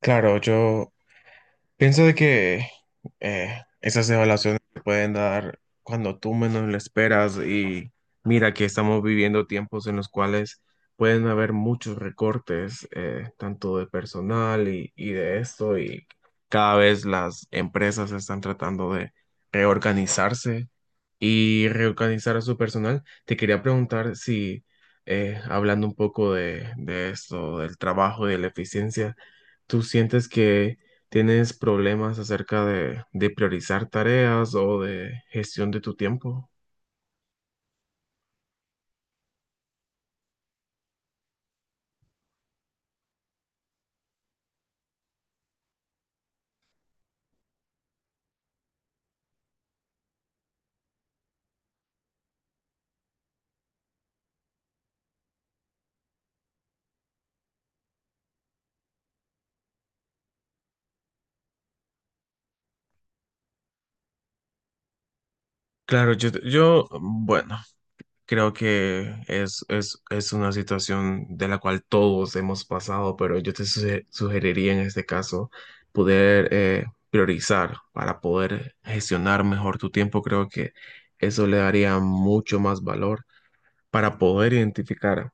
Claro, pienso de que esas evaluaciones se pueden dar cuando tú menos lo esperas, y mira que estamos viviendo tiempos en los cuales pueden haber muchos recortes, tanto de personal y de esto, y cada vez las empresas están tratando de reorganizarse y reorganizar a su personal. Te quería preguntar si, hablando un poco de esto, del trabajo y de la eficiencia, ¿tú tienes problemas acerca de priorizar tareas o de gestión de tu tiempo? Claro, bueno, creo que es una situación de la cual todos hemos pasado, pero yo te sugeriría en este caso poder priorizar para poder gestionar mejor tu tiempo. Creo que eso le daría mucho más valor para poder identificar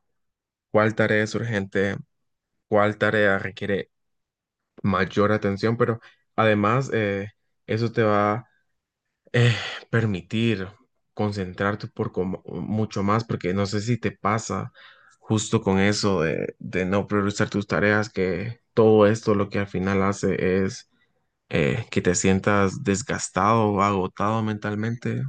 cuál tarea es urgente, cuál tarea requiere mayor atención, pero además eso te va eh, permitir concentrarte mucho más, porque no sé si te pasa justo con eso de no priorizar tus tareas, que todo esto lo que al final hace es que te sientas desgastado, agotado mentalmente.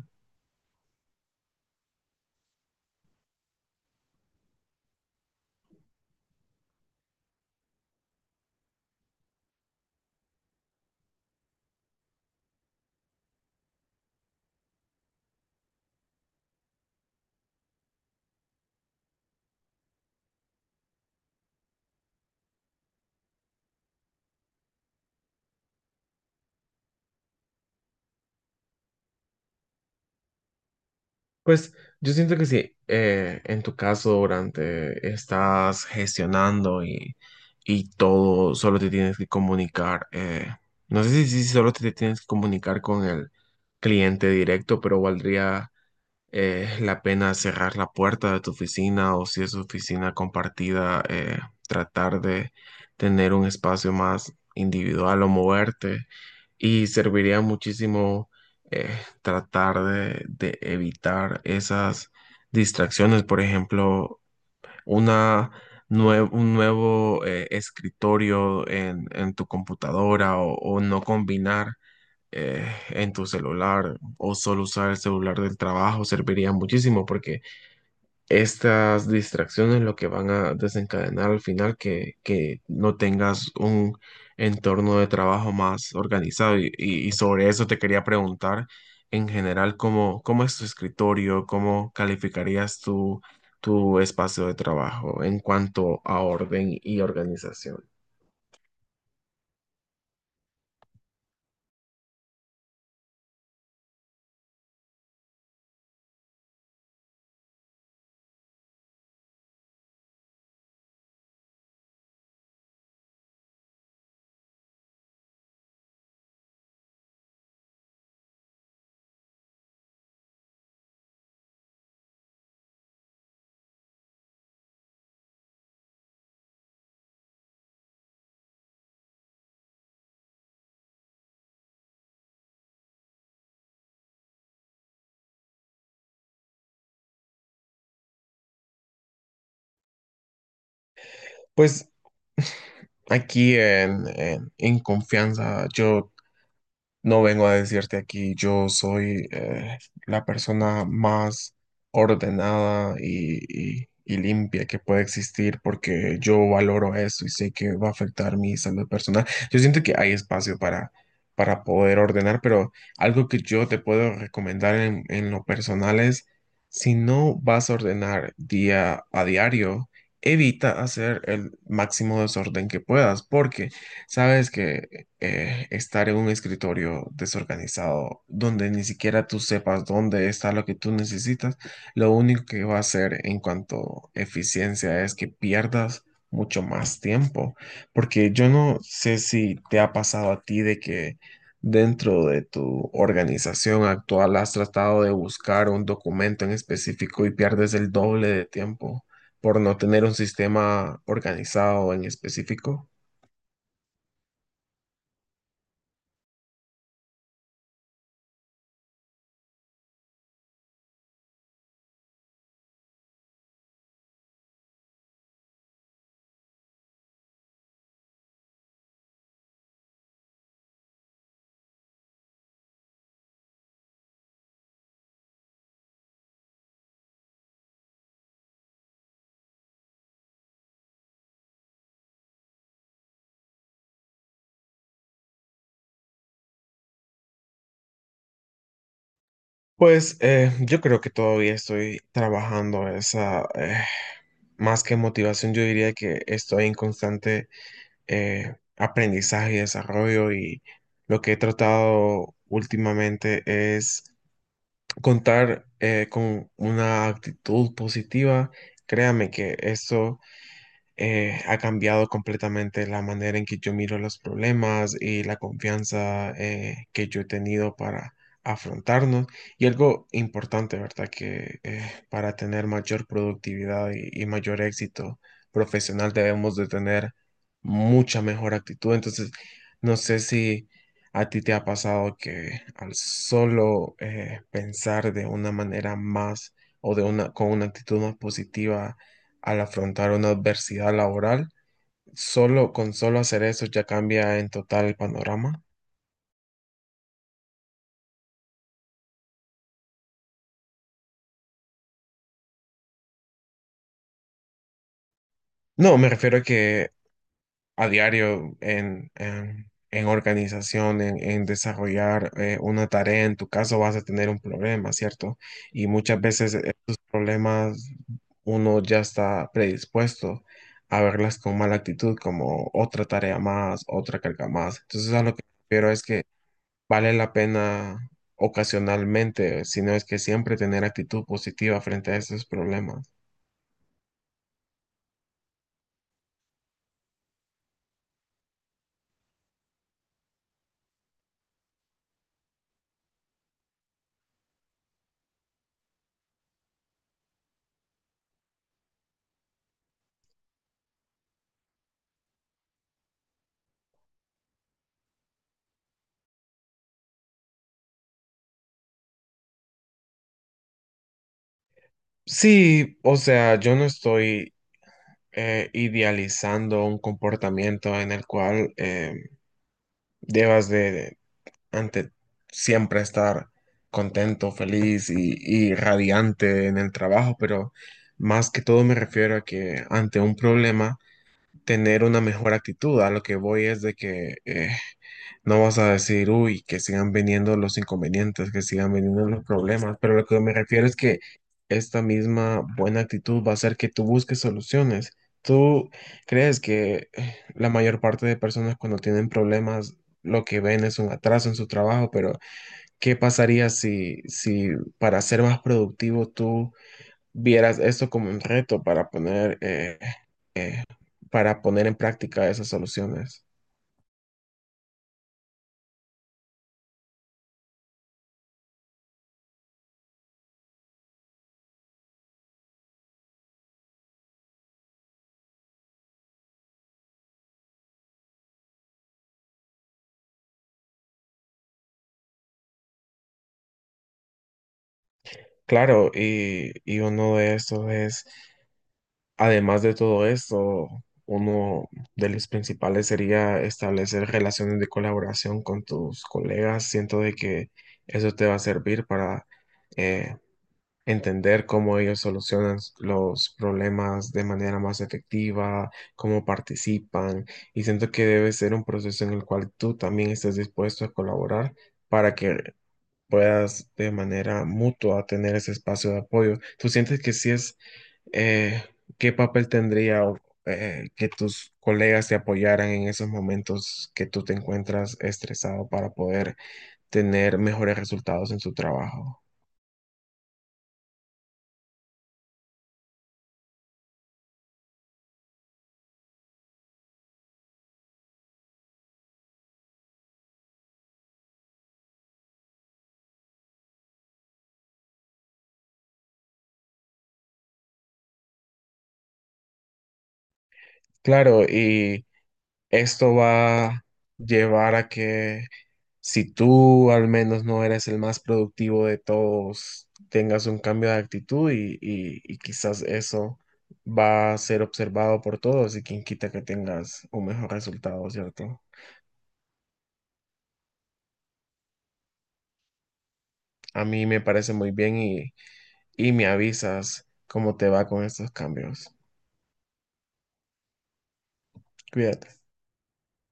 Pues yo siento que si en tu caso durante estás gestionando y todo, solo te tienes que comunicar, no sé si solo te tienes que comunicar con el cliente directo, pero valdría la pena cerrar la puerta de tu oficina, o si es oficina compartida, tratar de tener un espacio más individual o moverte. Y serviría muchísimo eh, tratar de evitar esas distracciones. Por ejemplo, una un nuevo escritorio en tu computadora, o no combinar eh, en tu celular, o solo usar el celular del trabajo serviría muchísimo, porque estas distracciones lo que van a desencadenar al final que no tengas un entorno de trabajo más organizado. Y sobre eso te quería preguntar en general cómo, cómo es tu escritorio, cómo calificarías tu, tu espacio de trabajo en cuanto a orden y organización. Pues aquí en confianza, yo no vengo a decirte aquí, yo soy la persona más ordenada y limpia que puede existir, porque yo valoro eso y sé que va a afectar mi salud personal. Yo siento que hay espacio para poder ordenar, pero algo que yo te puedo recomendar en lo personal es, si no vas a ordenar día a diario, evita hacer el máximo desorden que puedas, porque sabes que estar en un escritorio desorganizado donde ni siquiera tú sepas dónde está lo que tú necesitas, lo único que va a hacer en cuanto a eficiencia es que pierdas mucho más tiempo, porque yo no sé si te ha pasado a ti de que dentro de tu organización actual has tratado de buscar un documento en específico y pierdes el doble de tiempo por no tener un sistema organizado en específico. Pues yo creo que todavía estoy trabajando esa, más que motivación, yo diría que estoy en constante aprendizaje y desarrollo, y lo que he tratado últimamente es contar con una actitud positiva. Créame que esto ha cambiado completamente la manera en que yo miro los problemas y la confianza que yo he tenido para afrontarnos. Y algo importante, ¿verdad? Que para tener mayor productividad y mayor éxito profesional debemos de tener mucha mejor actitud. Entonces, no sé si a ti te ha pasado que al solo pensar de una manera más, o de una, con una actitud más positiva, al afrontar una adversidad laboral, solo con solo hacer eso ya cambia en total el panorama. No, me refiero a que a diario en organización, en desarrollar una tarea, en tu caso vas a tener un problema, ¿cierto? Y muchas veces estos problemas uno ya está predispuesto a verlas con mala actitud, como otra tarea más, otra carga más. Entonces, a lo que me refiero es que vale la pena ocasionalmente, si no es que siempre, tener actitud positiva frente a esos problemas. Sí, o sea, yo no estoy idealizando un comportamiento en el cual debas de, ante siempre estar contento, feliz y radiante en el trabajo, pero más que todo me refiero a que ante un problema, tener una mejor actitud. A lo que voy es de que no vas a decir, uy, que sigan viniendo los inconvenientes, que sigan viniendo los problemas, pero lo que me refiero es que esta misma buena actitud va a hacer que tú busques soluciones. ¿Tú crees que la mayor parte de personas cuando tienen problemas lo que ven es un atraso en su trabajo? Pero ¿qué pasaría si para ser más productivo tú vieras esto como un reto eh, para poner en práctica esas soluciones? Claro, y uno de estos es, además de todo esto, uno de los principales sería establecer relaciones de colaboración con tus colegas. Siento de que eso te va a servir para eh, entender cómo ellos solucionan los problemas de manera más efectiva, cómo participan. Y siento que debe ser un proceso en el cual tú también estés dispuesto a colaborar para que puedas de manera mutua tener ese espacio de apoyo. ¿Tú sientes que sí es eh, qué papel tendría que tus colegas te apoyaran en esos momentos que tú te encuentras estresado para poder tener mejores resultados en tu trabajo? Claro, y esto va a llevar a que si tú al menos no eres el más productivo de todos, tengas un cambio de actitud y y quizás eso va a ser observado por todos, y quien quita que tengas un mejor resultado, ¿cierto? A mí me parece muy bien, y me avisas cómo te va con estos cambios. Cuídate.